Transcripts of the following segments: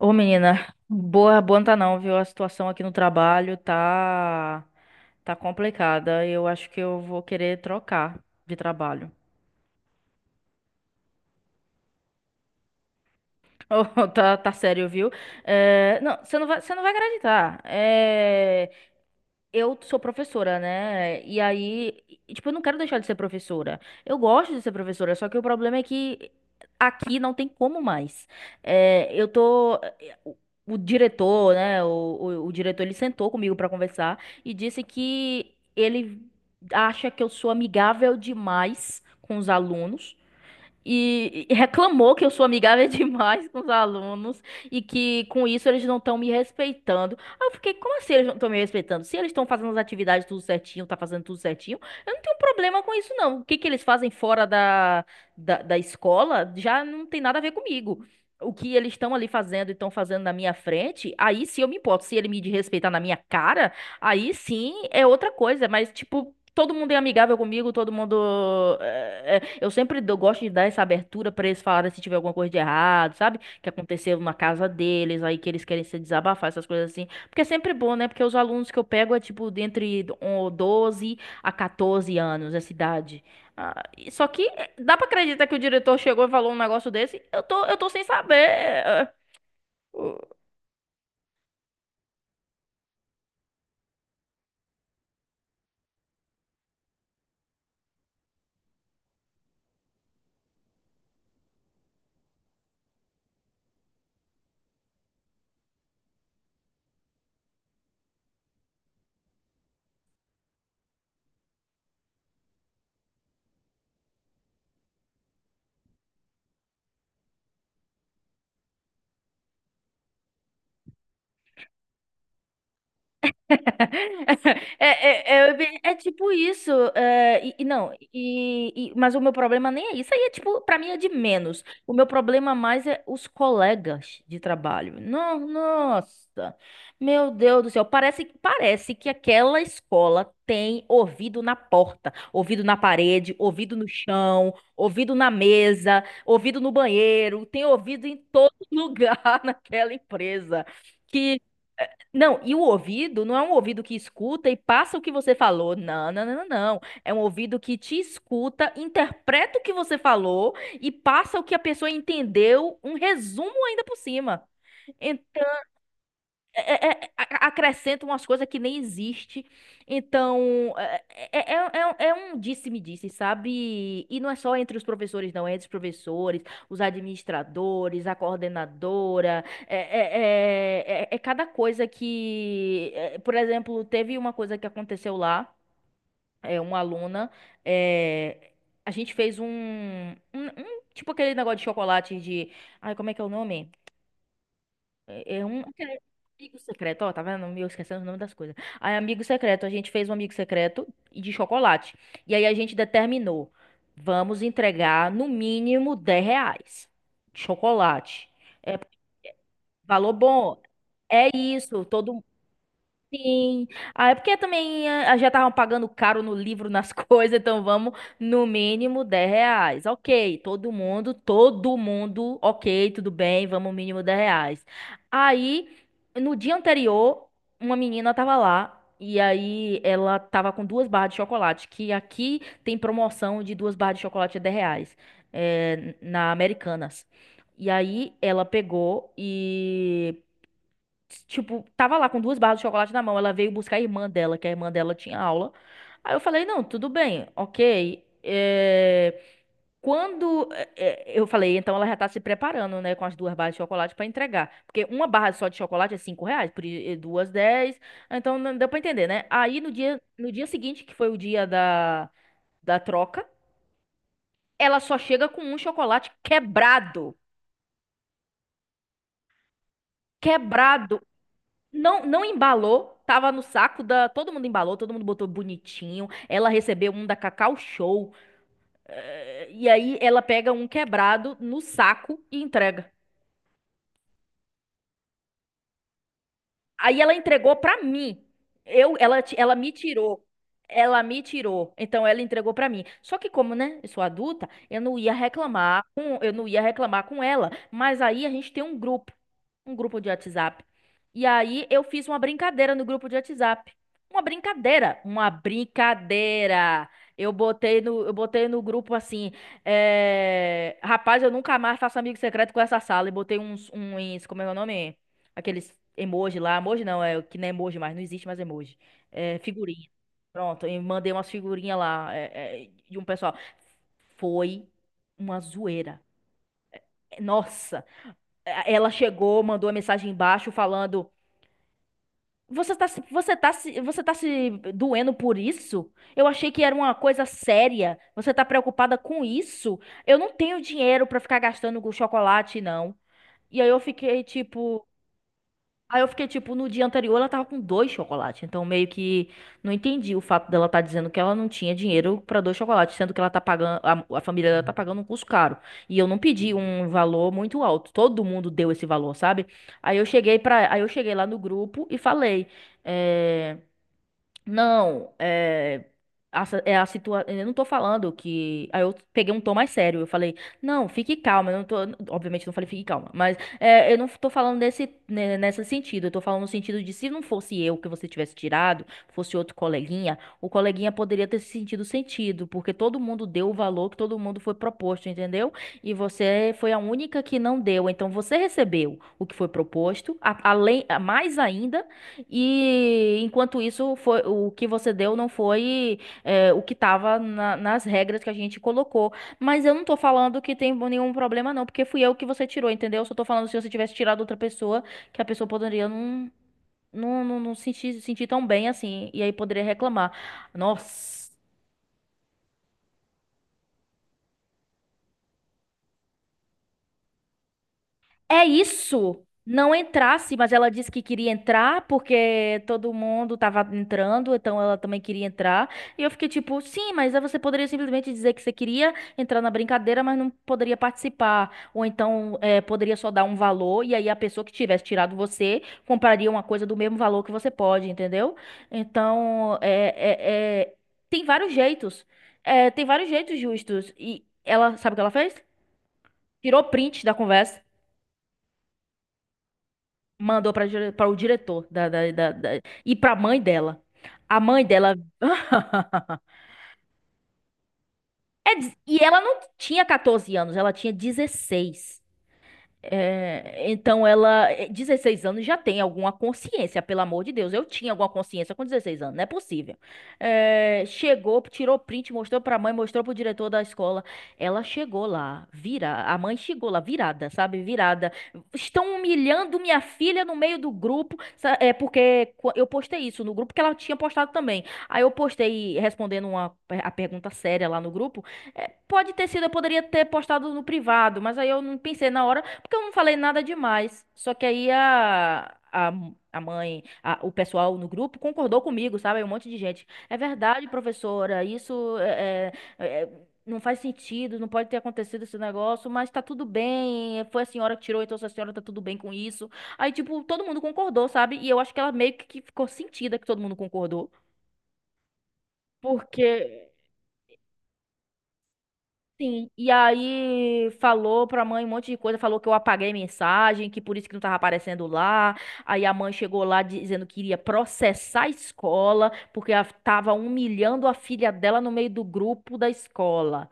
Ô, menina, boa, boa não tá não, viu? A situação aqui no trabalho tá complicada. Eu acho que eu vou querer trocar de trabalho. Oh, tá sério, viu? É, não, você não vai acreditar. É, eu sou professora, né? E aí, tipo, eu não quero deixar de ser professora. Eu gosto de ser professora, só que o problema é que aqui não tem como mais. É, eu tô. eh, O o diretor, né? O diretor, ele sentou comigo pra conversar e disse que ele acha que eu sou amigável demais com os alunos e reclamou que eu sou amigável demais com os alunos e que com isso eles não estão me respeitando. Aí eu fiquei, como assim eles não estão me respeitando? Se eles estão fazendo as atividades tudo certinho, tá fazendo tudo certinho, eu não tenho problema com isso não. O que que eles fazem fora da escola já não tem nada a ver comigo. O que eles estão ali fazendo e estão fazendo na minha frente, aí sim eu me importo. Se ele me desrespeitar na minha cara, aí sim é outra coisa. Mas, tipo, todo mundo é amigável comigo, todo mundo. Eu sempre gosto de dar essa abertura pra eles falarem se tiver alguma coisa de errado, sabe? Que aconteceu na casa deles, aí que eles querem se desabafar, essas coisas assim. Porque é sempre bom, né? Porque os alunos que eu pego é tipo de entre 12 a 14 anos, essa idade. Ah, só que é, dá pra acreditar que o diretor chegou e falou um negócio desse? Eu tô sem saber. É, é tipo isso. é, e não, e- mas o meu problema nem é isso. Aí é tipo, pra mim é de menos. O meu problema mais é os colegas de trabalho. Não, nossa, meu Deus do céu. Parece que aquela escola tem ouvido na porta, ouvido na parede, ouvido no chão, ouvido na mesa, ouvido no banheiro, tem ouvido em todo lugar naquela empresa não, e o ouvido não é um ouvido que escuta e passa o que você falou. Não, não, não, não. Não. É um ouvido que te escuta, interpreta o que você falou e passa o que a pessoa entendeu, um resumo ainda por cima Acrescenta umas coisas que nem existe. Então, é um disse-me-disse, sabe? E não é só entre os professores, não. É entre os professores, os administradores, a coordenadora. É é- cada coisa que... Por exemplo, teve uma coisa que aconteceu lá. Uma aluna... é, a gente fez um tipo aquele negócio de chocolate de... Ai, como é que é o nome? É é um aquele amigo secreto, ó, tá vendo? Eu esquecendo o nome das coisas. Aí, amigo secreto, a gente fez um amigo secreto e de chocolate. E aí a gente determinou, vamos entregar no mínimo R$ 10 de chocolate. Valor bom. É isso, todo. Sim. Ah, é porque também já estavam pagando caro no livro, nas coisas, então vamos no mínimo R$ 10. Ok, todo mundo, ok, tudo bem, vamos mínimo R$ 10. Aí, no dia anterior, uma menina tava lá e aí ela tava com duas barras de chocolate, que aqui tem promoção de duas barras de chocolate a R$ 10, na Americanas. E aí ela pegou e tipo, tava lá com duas barras de chocolate na mão. Ela veio buscar a irmã dela, que a irmã dela tinha aula. Aí eu falei, não, tudo bem, ok. Quando é, eu falei, então ela já tá se preparando, né, com as duas barras de chocolate pra entregar. Porque uma barra só de chocolate é R$ 5, duas, dez. Então não deu pra entender, né? Aí no dia seguinte, que foi o dia da troca, ela só chega com um chocolate quebrado. Quebrado. Não, não embalou, tava no saco da. Todo mundo embalou, todo mundo botou bonitinho. Ela recebeu um da Cacau Show. E aí ela pega um quebrado no saco e entrega. Aí ela entregou para mim. Ela me tirou. Ela me tirou. Então ela entregou para mim. Só que como, né, eu sou adulta, eu não ia reclamar com, eu não ia reclamar com ela, mas aí a gente tem um grupo de WhatsApp. E aí eu fiz uma brincadeira no grupo de WhatsApp. Uma brincadeira, uma brincadeira. Eu botei no grupo assim, rapaz, eu nunca mais faço amigo secreto com essa sala. E botei uns, como é o nome? Aqueles emoji lá. Emoji não, é que não é emoji mais, não existe mais emoji. É figurinha. Pronto, e mandei umas figurinhas lá de um pessoal. Foi uma zoeira. Nossa, ela chegou, mandou uma mensagem embaixo falando: Você tá se doendo por isso? Eu achei que era uma coisa séria. Você tá preocupada com isso? Eu não tenho dinheiro pra ficar gastando com chocolate, não. E aí eu fiquei tipo. Aí eu fiquei tipo, no dia anterior ela tava com dois chocolates. Então meio que não entendi o fato dela tá dizendo que ela não tinha dinheiro pra dois chocolates, sendo que ela tá pagando, a família dela tá pagando um custo caro. E eu não pedi um valor muito alto. Todo mundo deu esse valor, sabe? Aí eu cheguei lá no grupo e falei, é. Não, é. É a situa... Eu não tô falando que. Aí eu peguei um tom mais sério. Eu falei, não, fique calma. Eu não tô... Obviamente, eu não falei fique calma. Mas é, eu não tô falando nesse sentido. Eu tô falando no sentido de se não fosse eu que você tivesse tirado, fosse outro coleguinha, o coleguinha poderia ter se sentido sentido. Porque todo mundo deu o valor que todo mundo foi proposto, entendeu? E você foi a única que não deu. Então você recebeu o que foi proposto, além, mais ainda. E enquanto isso, foi, o que você deu não foi o que estava nas regras que a gente colocou. Mas eu não tô falando que tem nenhum problema, não, porque fui eu que você tirou, entendeu? Eu só tô falando se você tivesse tirado outra pessoa, que a pessoa poderia não sentir tão bem assim, e aí poderia reclamar. Nossa. É isso. Não entrasse, mas ela disse que queria entrar porque todo mundo tava entrando, então ela também queria entrar. E eu fiquei tipo, sim, mas aí você poderia simplesmente dizer que você queria entrar na brincadeira, mas não poderia participar. Ou então poderia só dar um valor e aí a pessoa que tivesse tirado você compraria uma coisa do mesmo valor que você pode, entendeu? Então, tem vários jeitos. É, tem vários jeitos justos. E ela, sabe o que ela fez? Tirou print da conversa. Mandou para o diretor e para a mãe dela. A mãe dela. E ela não tinha 14 anos, ela tinha 16 então ela, 16 anos já tem alguma consciência, pelo amor de Deus. Eu tinha alguma consciência com 16 anos, não é possível. Chegou, tirou print, mostrou pra mãe, mostrou pro diretor da escola. Ela chegou lá, vira, a mãe chegou lá, virada, sabe? Virada. Estão humilhando minha filha no meio do grupo, é porque eu postei isso no grupo que ela tinha postado também. Aí eu postei respondendo a pergunta séria lá no grupo. Pode ter sido, eu poderia ter postado no privado, mas aí eu não pensei na hora. Porque eu não falei nada demais. Só que aí a, o pessoal no grupo concordou comigo, sabe? Um monte de gente. É verdade, professora, isso é- é- não faz sentido, não pode ter acontecido esse negócio, mas tá tudo bem. Foi a senhora que tirou, então se a senhora tá tudo bem com isso. Aí, tipo, todo mundo concordou, sabe? E eu acho que ela meio que ficou sentida que todo mundo concordou. Porque sim, e aí falou pra mãe um monte de coisa, falou que eu apaguei mensagem, que por isso que não tava aparecendo lá. Aí a mãe chegou lá dizendo que iria processar a escola, porque ela tava humilhando a filha dela no meio do grupo da escola.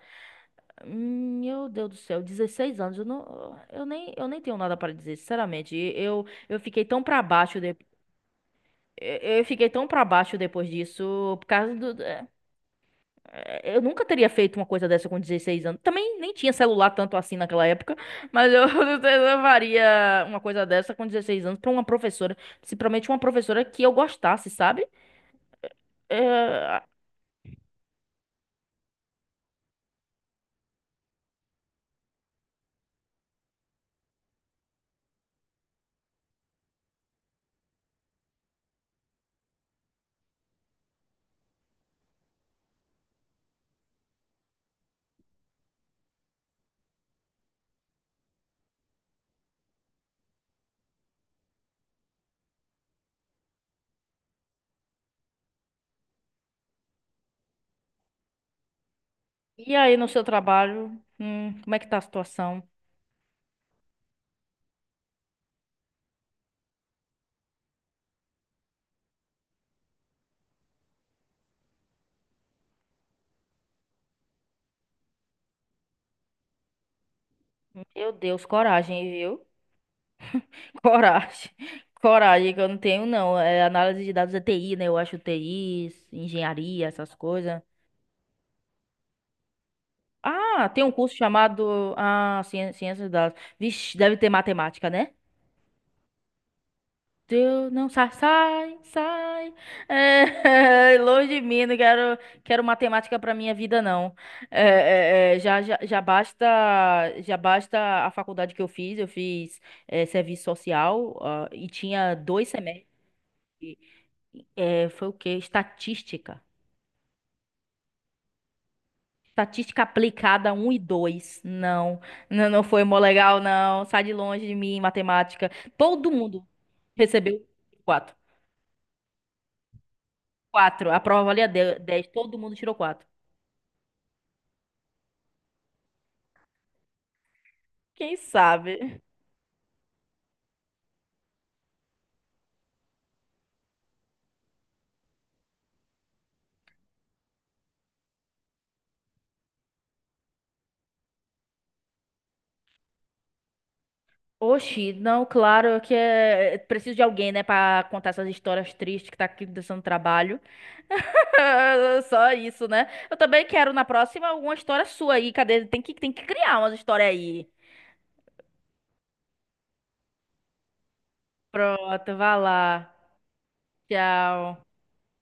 Meu Deus do céu, 16 anos, eu não, eu nem tenho nada pra dizer, sinceramente. Eu fiquei tão pra baixo de, eu fiquei tão pra baixo depois disso, por causa do, eu nunca teria feito uma coisa dessa com 16 anos. Também nem tinha celular tanto assim naquela época, mas eu, eu faria uma coisa dessa com 16 anos pra uma professora, principalmente uma professora que eu gostasse, sabe? Eh, e aí no seu trabalho, como é que tá a situação? Meu Deus, coragem, viu? Coragem. Coragem que eu não tenho, não. É análise de dados é TI, né? Eu acho TI, engenharia, essas coisas. Ah, tem um curso chamado ciência de dados. Vixe, deve ter matemática, né? Deus, não sai, sai, sai. É, longe de mim, não quero, quero matemática para minha vida, não. É, é, é, já, já, já basta a faculdade que eu fiz. Eu fiz serviço social e tinha 2 semestres. É, foi o quê? Estatística. Estatística aplicada um e dois. Não, não, não foi mó legal, não. Sai de longe de mim, matemática. Todo mundo recebeu 4. 4. A prova valia 10. Todo mundo tirou 4. Quem sabe? Oxi, não, claro que é... Preciso de alguém, né, pra contar essas histórias tristes que tá aqui dando trabalho. Só isso, né? Eu também quero na próxima alguma história sua aí. Cadê? Tem que criar umas histórias aí. Pronto, vai lá. Tchau.